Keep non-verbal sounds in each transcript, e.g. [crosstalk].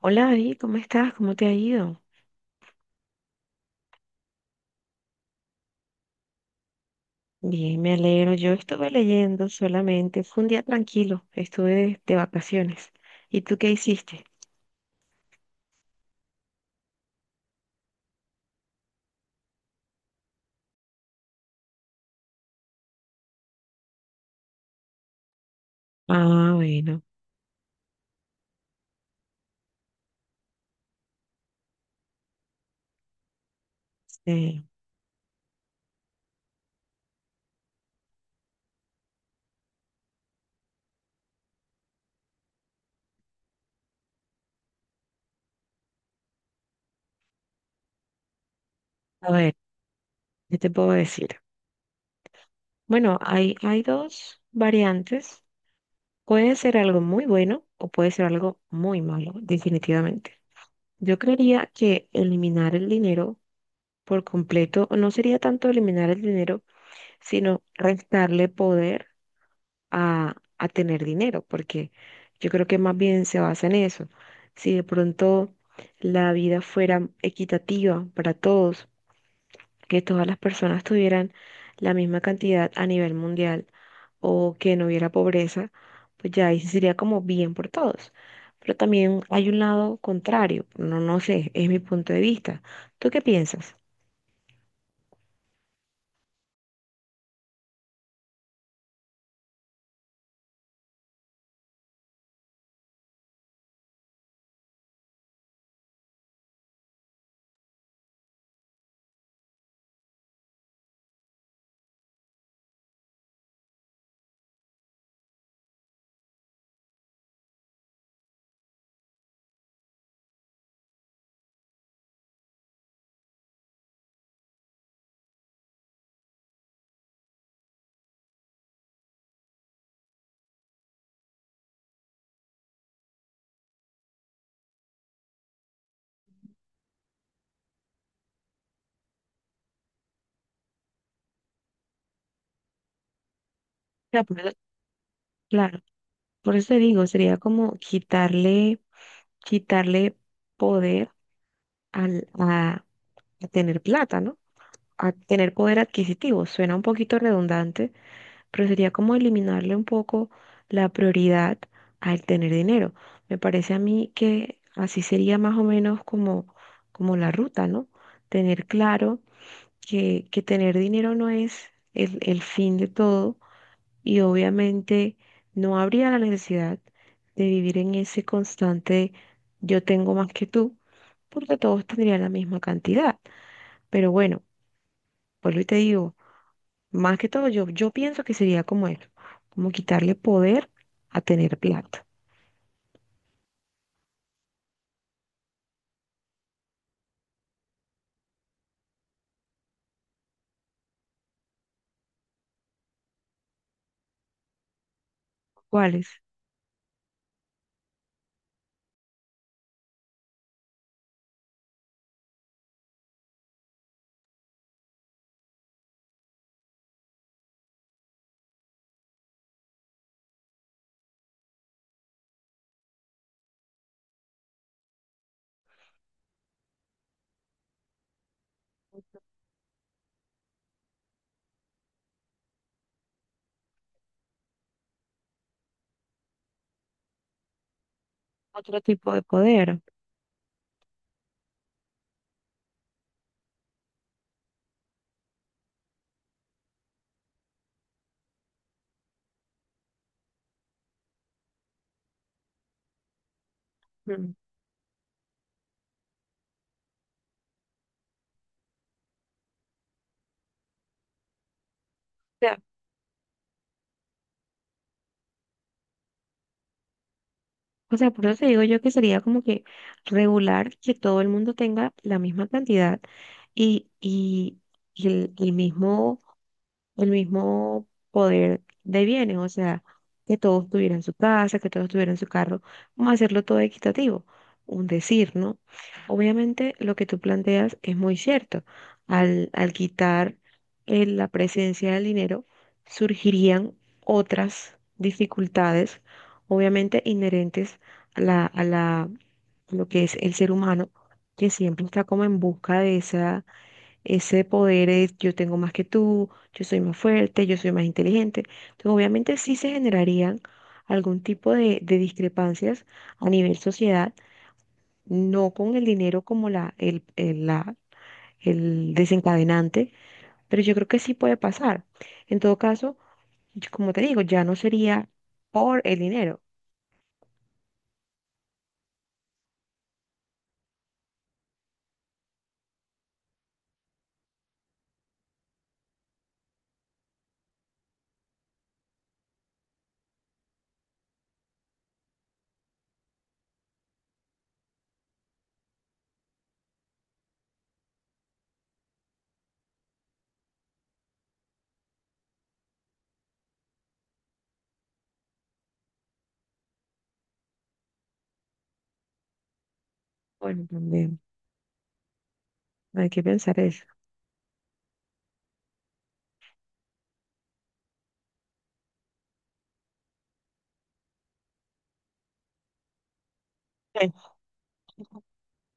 Hola David, ¿cómo estás? ¿Cómo te ha ido? Bien, me alegro. Yo estuve leyendo solamente. Fue un día tranquilo. Estuve de vacaciones. ¿Y tú qué hiciste? Ah, bueno. Sí. A ver, ¿qué te puedo decir? Bueno, hay dos variantes. Puede ser algo muy bueno o puede ser algo muy malo, definitivamente. Yo creería que eliminar el dinero por completo no sería tanto eliminar el dinero, sino restarle poder a tener dinero, porque yo creo que más bien se basa en eso. Si de pronto la vida fuera equitativa para todos, que todas las personas tuvieran la misma cantidad a nivel mundial o que no hubiera pobreza, pues ya ahí sí sería como bien por todos. Pero también hay un lado contrario, no, no sé, es mi punto de vista. ¿Tú qué piensas? O sea, por eso, claro, por eso te digo, sería como quitarle, quitarle poder al, a tener plata, ¿no? A tener poder adquisitivo. Suena un poquito redundante, pero sería como eliminarle un poco la prioridad al tener dinero. Me parece a mí que así sería más o menos como, como la ruta, ¿no? Tener claro que tener dinero no es el fin de todo y obviamente no habría la necesidad de vivir en ese constante yo tengo más que tú, porque todos tendrían la misma cantidad. Pero bueno. Vuelvo y te digo, más que todo, yo pienso que sería como eso, como quitarle poder a tener plata. ¿Cuál es? Otro tipo de poder. Mm. Sea, o sea, por eso te digo yo que sería como que regular que todo el mundo tenga la misma cantidad y, y, y el mismo el mismo poder de bienes, o sea, que todos tuvieran su casa, que todos tuvieran su carro, vamos a hacerlo todo equitativo, un decir, ¿no? Obviamente lo que tú planteas es muy cierto, al quitar la presencia del dinero, surgirían otras dificultades, obviamente inherentes a la, a lo que es el ser humano, que siempre está como en busca de esa ese poder es yo tengo más que tú, yo soy más fuerte, yo soy más inteligente. Entonces, obviamente sí se generarían algún tipo de discrepancias a nivel sociedad, no con el dinero como la, el- la, el desencadenante, pero yo creo que sí puede pasar. En todo caso, como te digo, ya no sería por el dinero. Bueno, también hay que pensar eso. [laughs]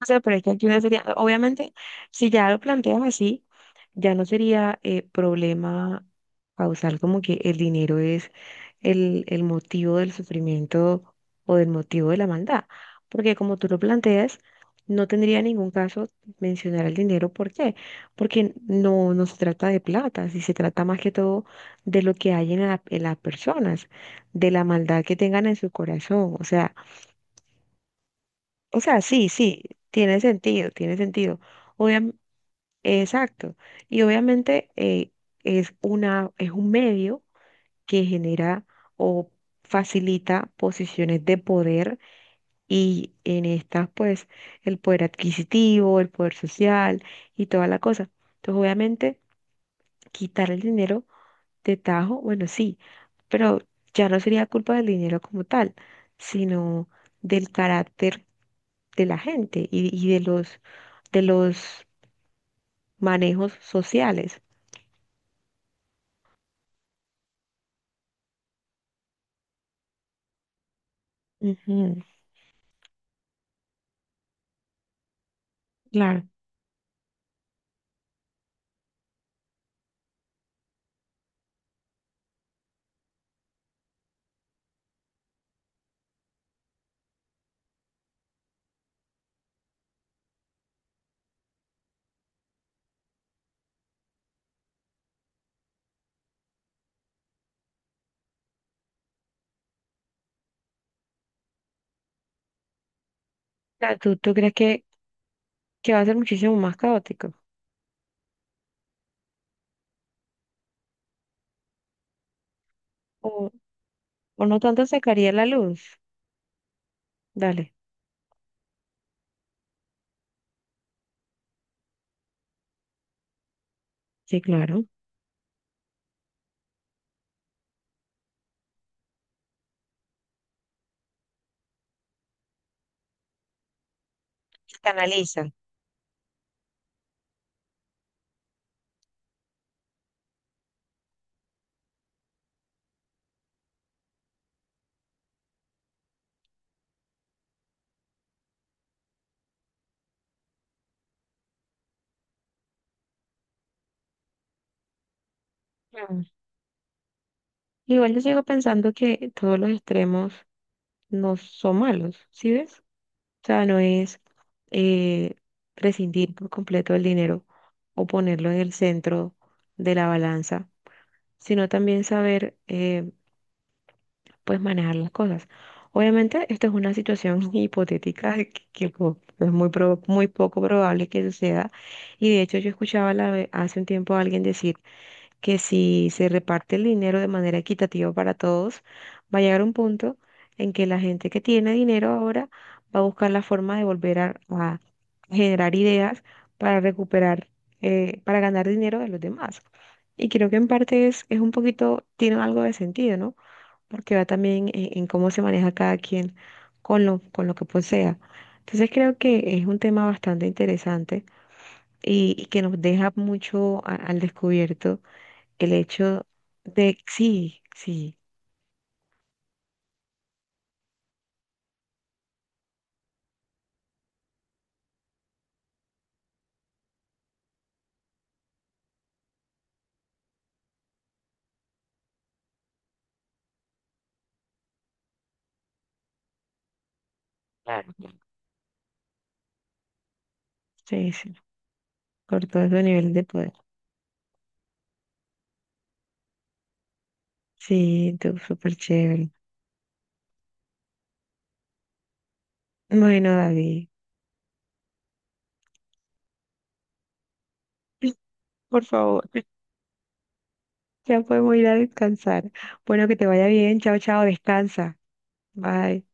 O sea, pero es que aquí no sería, obviamente, si ya lo planteas así, ya no sería problema causar como que el dinero es el motivo del sufrimiento o del motivo de la maldad. Porque como tú lo planteas, no tendría ningún caso mencionar el dinero. ¿Por qué? Porque no, no se trata de plata, si se trata más que todo de lo que hay en en las personas, de la maldad que tengan en su corazón. O sea, sí, sí, tiene sentido, tiene sentido. Obviam- exacto. Y obviamente es una, es un medio que genera o facilita posiciones de poder y en estas pues el poder adquisitivo, el poder social y toda la cosa. Entonces, obviamente, quitar el dinero de tajo, bueno, sí, pero ya no sería culpa del dinero como tal, sino del carácter de la gente y de los manejos sociales. Ujú, claro. Claro, ¿Tú crees que va a ser muchísimo más caótico? ¿O, o no tanto sacaría la luz? Dale. Sí, claro. Se canaliza. Mm. Igual yo sigo pensando que todos los extremos no son malos, ¿sí ves? O sea, no es eh, prescindir por completo del dinero o ponerlo en el centro de la balanza, sino también saber puedes manejar las cosas. Obviamente, esto es una situación [laughs] hipotética que, es muy, muy poco probable que suceda. Y de hecho, yo escuchaba hace un tiempo a alguien decir que si se reparte el dinero de manera equitativa para todos, va a llegar un punto en que la gente que tiene dinero ahora va a buscar la forma de volver a generar ideas para recuperar, para ganar dinero de los demás. Y creo que en parte es un poquito, tiene algo de sentido, ¿no? Porque va también en cómo se maneja cada quien con lo que posea. Entonces creo que es un tema bastante interesante y que nos deja mucho al descubierto el hecho de, sí, sí, claro, sí, sí, por todos los niveles de poder. Sí, tú, súper chévere. Bueno, David, [clears throat] por favor, [laughs] ya podemos ir a descansar. Bueno, que te vaya bien, chao, chao, descansa, bye.